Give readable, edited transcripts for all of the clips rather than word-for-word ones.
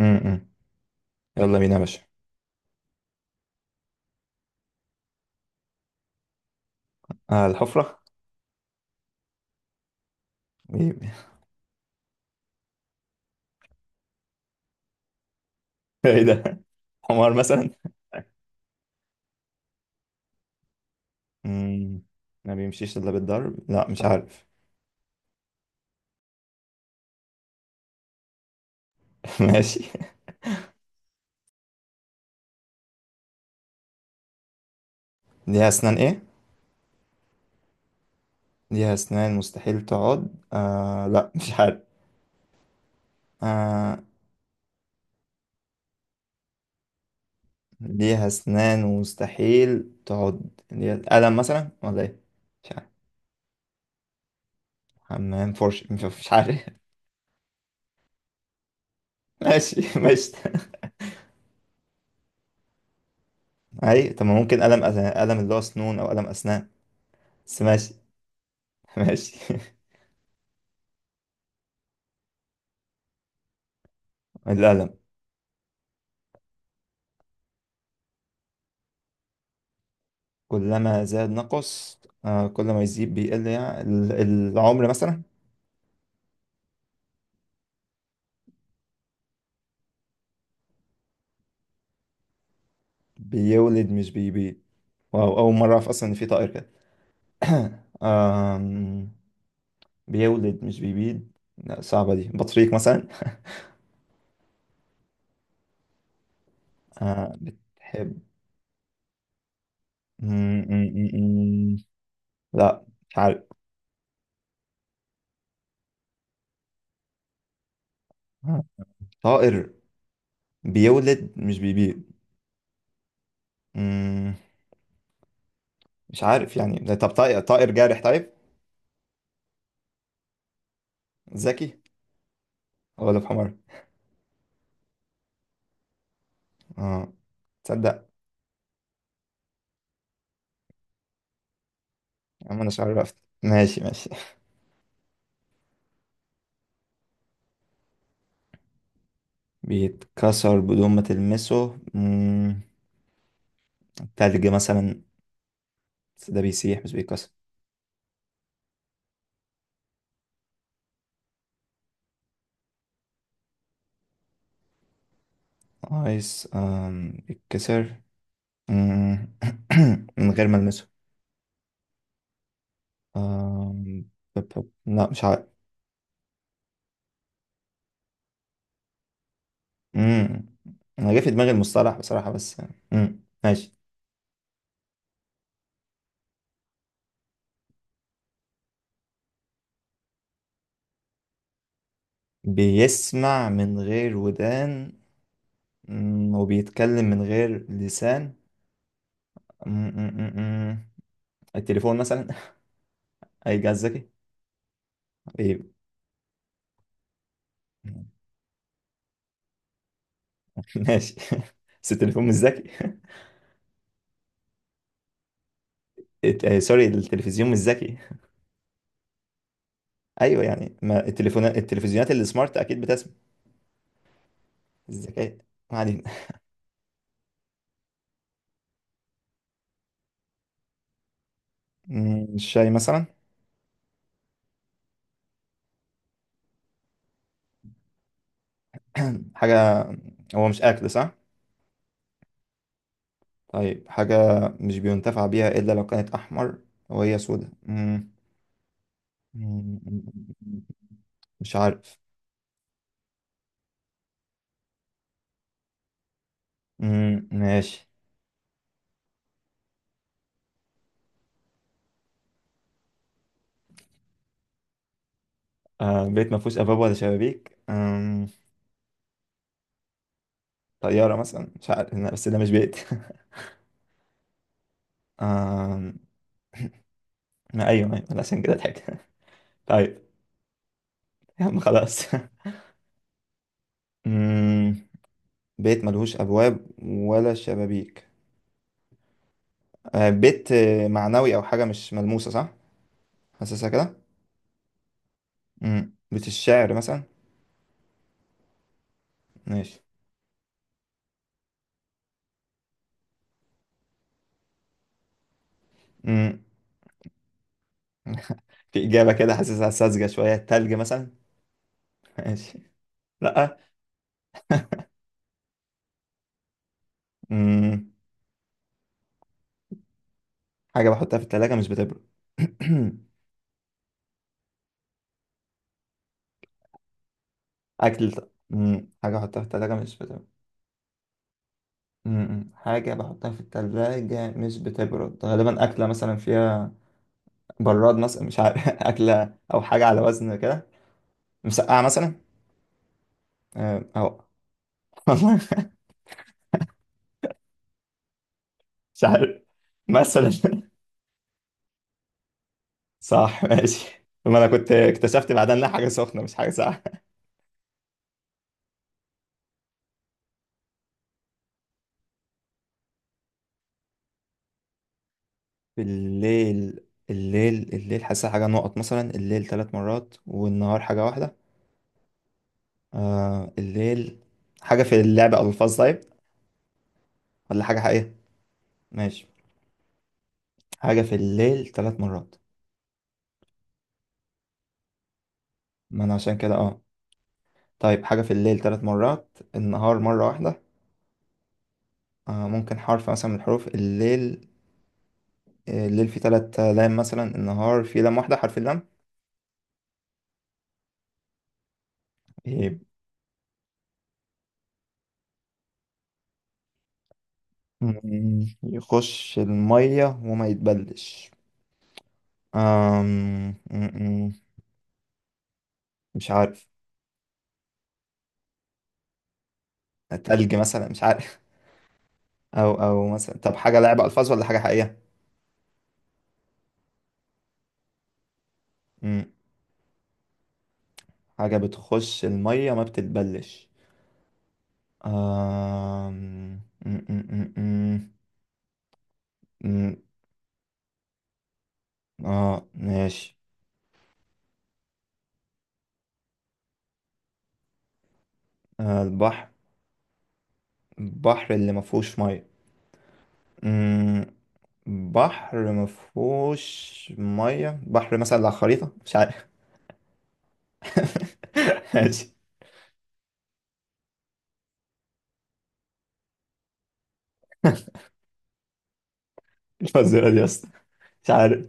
امم يلا بينا يا باشا. آه، الحفرة. ايه. إيه ده؟ حمار مثلا. امم ما بيمشيش الا بالضرب. لا، مش عارف. ماشي. ليها اسنان، ايه؟ ليها اسنان مستحيل تقعد. لا، مش عارف. آه، ليها اسنان ومستحيل تقعد. ليها قلم مثلا، ولا ايه؟ مش عارف. حمام، فرش، مش عارف. ماشي، ماشي. اي، طب ما ممكن قلم قلم اللي هو سنون، او قلم اسنان. بس ماشي. ماشي. القلم. كلما زاد نقص، آه، كل ما يزيد بيقل، يعني العمر مثلا. بيولد مش بيبيض. واو، أول مرة أعرف أصلا إن في طائر كده. آم، بيولد مش بيبيض. لا، صعبة دي. بطريق مثلا. آه، بتحب. م- م- م- م. لا، مش عارف. آه، طائر بيولد مش بيبيض. م، مش عارف، يعني ده. طب طائر، جارح؟ طيب. ذكي؟ ولا بحمار؟ اه، تصدق. يا عم، انا مش عرفت. ماشي، ماشي. بيتكسر بدون ما تلمسه. التلج مثلا، بس ده بيسيح مش بيتكسر. ايس، بيتكسر. مم. من غير ما المسه. آم، لا، مش عارف. مم. انا جه في دماغي المصطلح بصراحة، بس مم. ماشي. بيسمع من غير ودان، وبيتكلم من غير لسان. مم. مم. مم. مم. التليفون مثلا. اي جهاز ذكي. إيه. ماشي. بس التليفون مش ذكي. سوري، التلفزيون مش ذكي. ايوه، يعني ما التلفزيونات اللي سمارت اكيد بتسمع. الذكاء. ما علينا. الشاي مثلا. حاجه. هو مش اكل، صح؟ طيب، حاجه مش بينتفع بيها الا لو كانت احمر، وهي سودة. مم، مش عارف. مم، ماشي. آه، بيت ما فيهوش ابواب ولا شبابيك. طياره مثلا، مش عارف. لا، بس ده مش بيت. آم، ما ايوه، ايوه، عشان كده ضحك. طيب. يا عم، خلاص. مم، بيت ملهوش أبواب ولا شبابيك. آه، بيت معنوي أو حاجة مش ملموسة، صح؟ حاسسها كده؟ بيت الشعر مثلا؟ ماشي. مم. في إجابة كده حاسسها ساذجة شوية، التلج مثلا؟ ماشي. لأ. مم. حاجة بحطها في التلاجة مش بتبرد. أكل ط- مم. حاجة بحطها في التلاجة مش بتبرد. حاجة بحطها في التلاجة مش بتبرد، غالبا أكلة مثلا فيها براد مثلا، مش عارف. أكلة أو حاجة على وزن كده، مسقعة مثلا. آه، أهو. والله. مش عارف. مثلا. صح، ماشي. ما انا كنت اكتشفت بعدها انها حاجه سخنه مش حاجه ساقعه. الليل الليل، حاسسها حاجه نقط مثلا، الليل ثلاث مرات والنهار حاجه واحده. آه، الليل. حاجه في اللعبه، او الفاظ؟ طيب. ولا حاجه حقيقيه؟ ماشي. حاجه في الليل ثلاث مرات. ما انا عشان كده، اه. طيب، حاجه في الليل ثلاث مرات، النهار مره واحده. آه، ممكن حرف مثلا من الحروف. الليل. آه، الليل فيه ثلاث لام مثلا، النهار فيه لام واحده، حرف اللام. إيه. يخش المية وما يتبلش. أم... مم. مش عارف. تلج مثلا، مش عارف. او مثلا، طب حاجة لعب ألفاظ ولا حاجة حقيقية؟ مم. حاجة بتخش المية ما بتتبلش. أم... مم. مم. مم. مم. اه، ماشي. آه، البحر. البحر اللي ما فيهوش مية. مم. بحر ما فيهوش مية، بحر مثلا على خريطة، مش عارف. ماشي. الفزوره دي يا اسطى، مش عارف.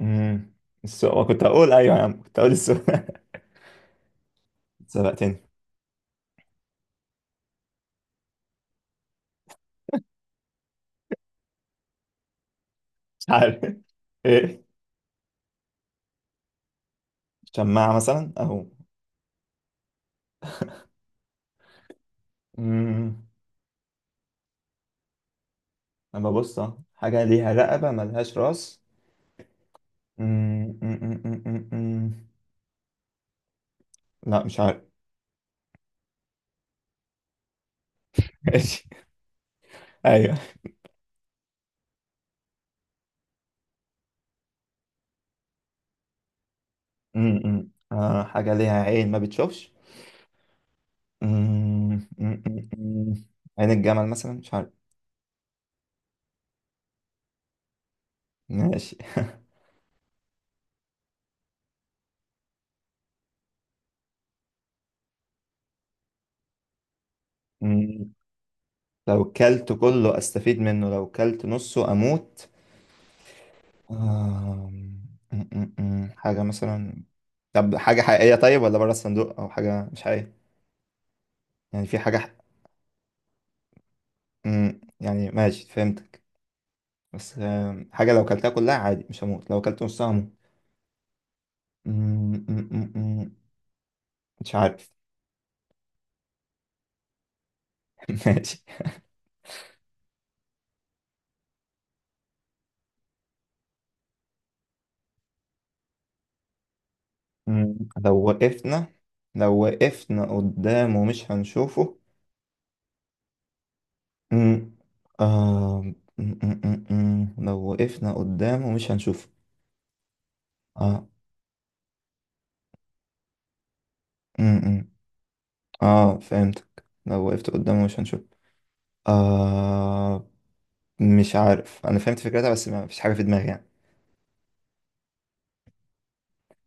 امم السؤال، كنت هقول ايوه يا عم، كنت هقول السؤال. سبقتني. مش عارف. ايه؟ شماعه مثلا، اهو. امم اما ببص، أهو. حاجه ليها رقبه ملهاش راس. أمم، أمم، أمم، أمم. لا، مش عارف. ماشي. ايوه. أمم، أمم. آه، حاجه ليها عين ما بتشوفش. أمم، أمم، أمم، أمم. عين الجمل مثلا، مش عارف. ماشي. أمم. لو كلت كله استفيد منه، لو كلت نصه اموت. آم، م- م- م. حاجة مثلا. طب، حاجة حقيقية طيب، ولا بره الصندوق أو حاجة مش حقيقية؟ يعني في حاجة ح... م، يعني، ماشي، فهمتك. بس حاجة لو كلتها كلها عادي مش هموت، لو كلت نصها هموت. م- م- م- م. مش عارف. ماشي. م، لو وقفنا لو وقفنا قدامه مش هنشوفه. م، آم، م- م- م- م. لو وقفنا قدامه مش هنشوفه. اه. م- م. اه، فهمتك، لو وقفت قدامه مش هنشوف. آه، مش عارف، انا فهمت فكرتها، بس ما فيش حاجه في دماغي يعني.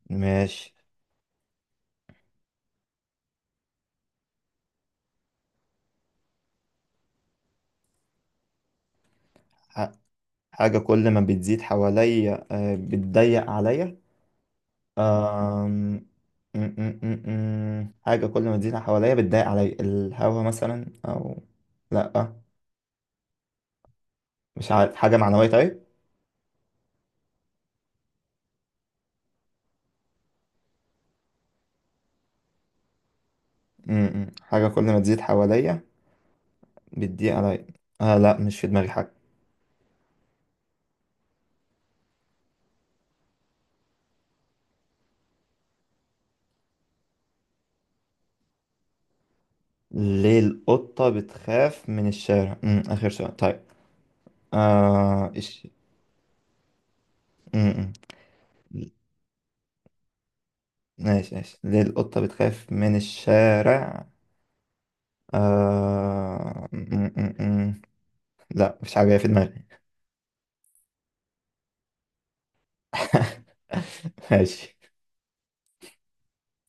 ماشي. ح- حاجه كل ما بتزيد حواليا، بتضيق عليا. آم، م- م- م- م. حاجه كل ما تزيد حواليا بتضيق عليا، الهوا مثلا، او لا، مش عارف. حاجه معنويه؟ طيب. م- م. حاجه كل ما تزيد حواليا بتضيق عليا. آه، لا، مش في دماغي حاجه. ليه القطه بتخاف من الشارع، اخر سؤال طيب؟ آه، إيش؟ م- م. ماشي، ماشي، ليه القطة بتخاف من الشارع؟ آه... م- م- م. لا، مش عارف في دماغي. ماشي.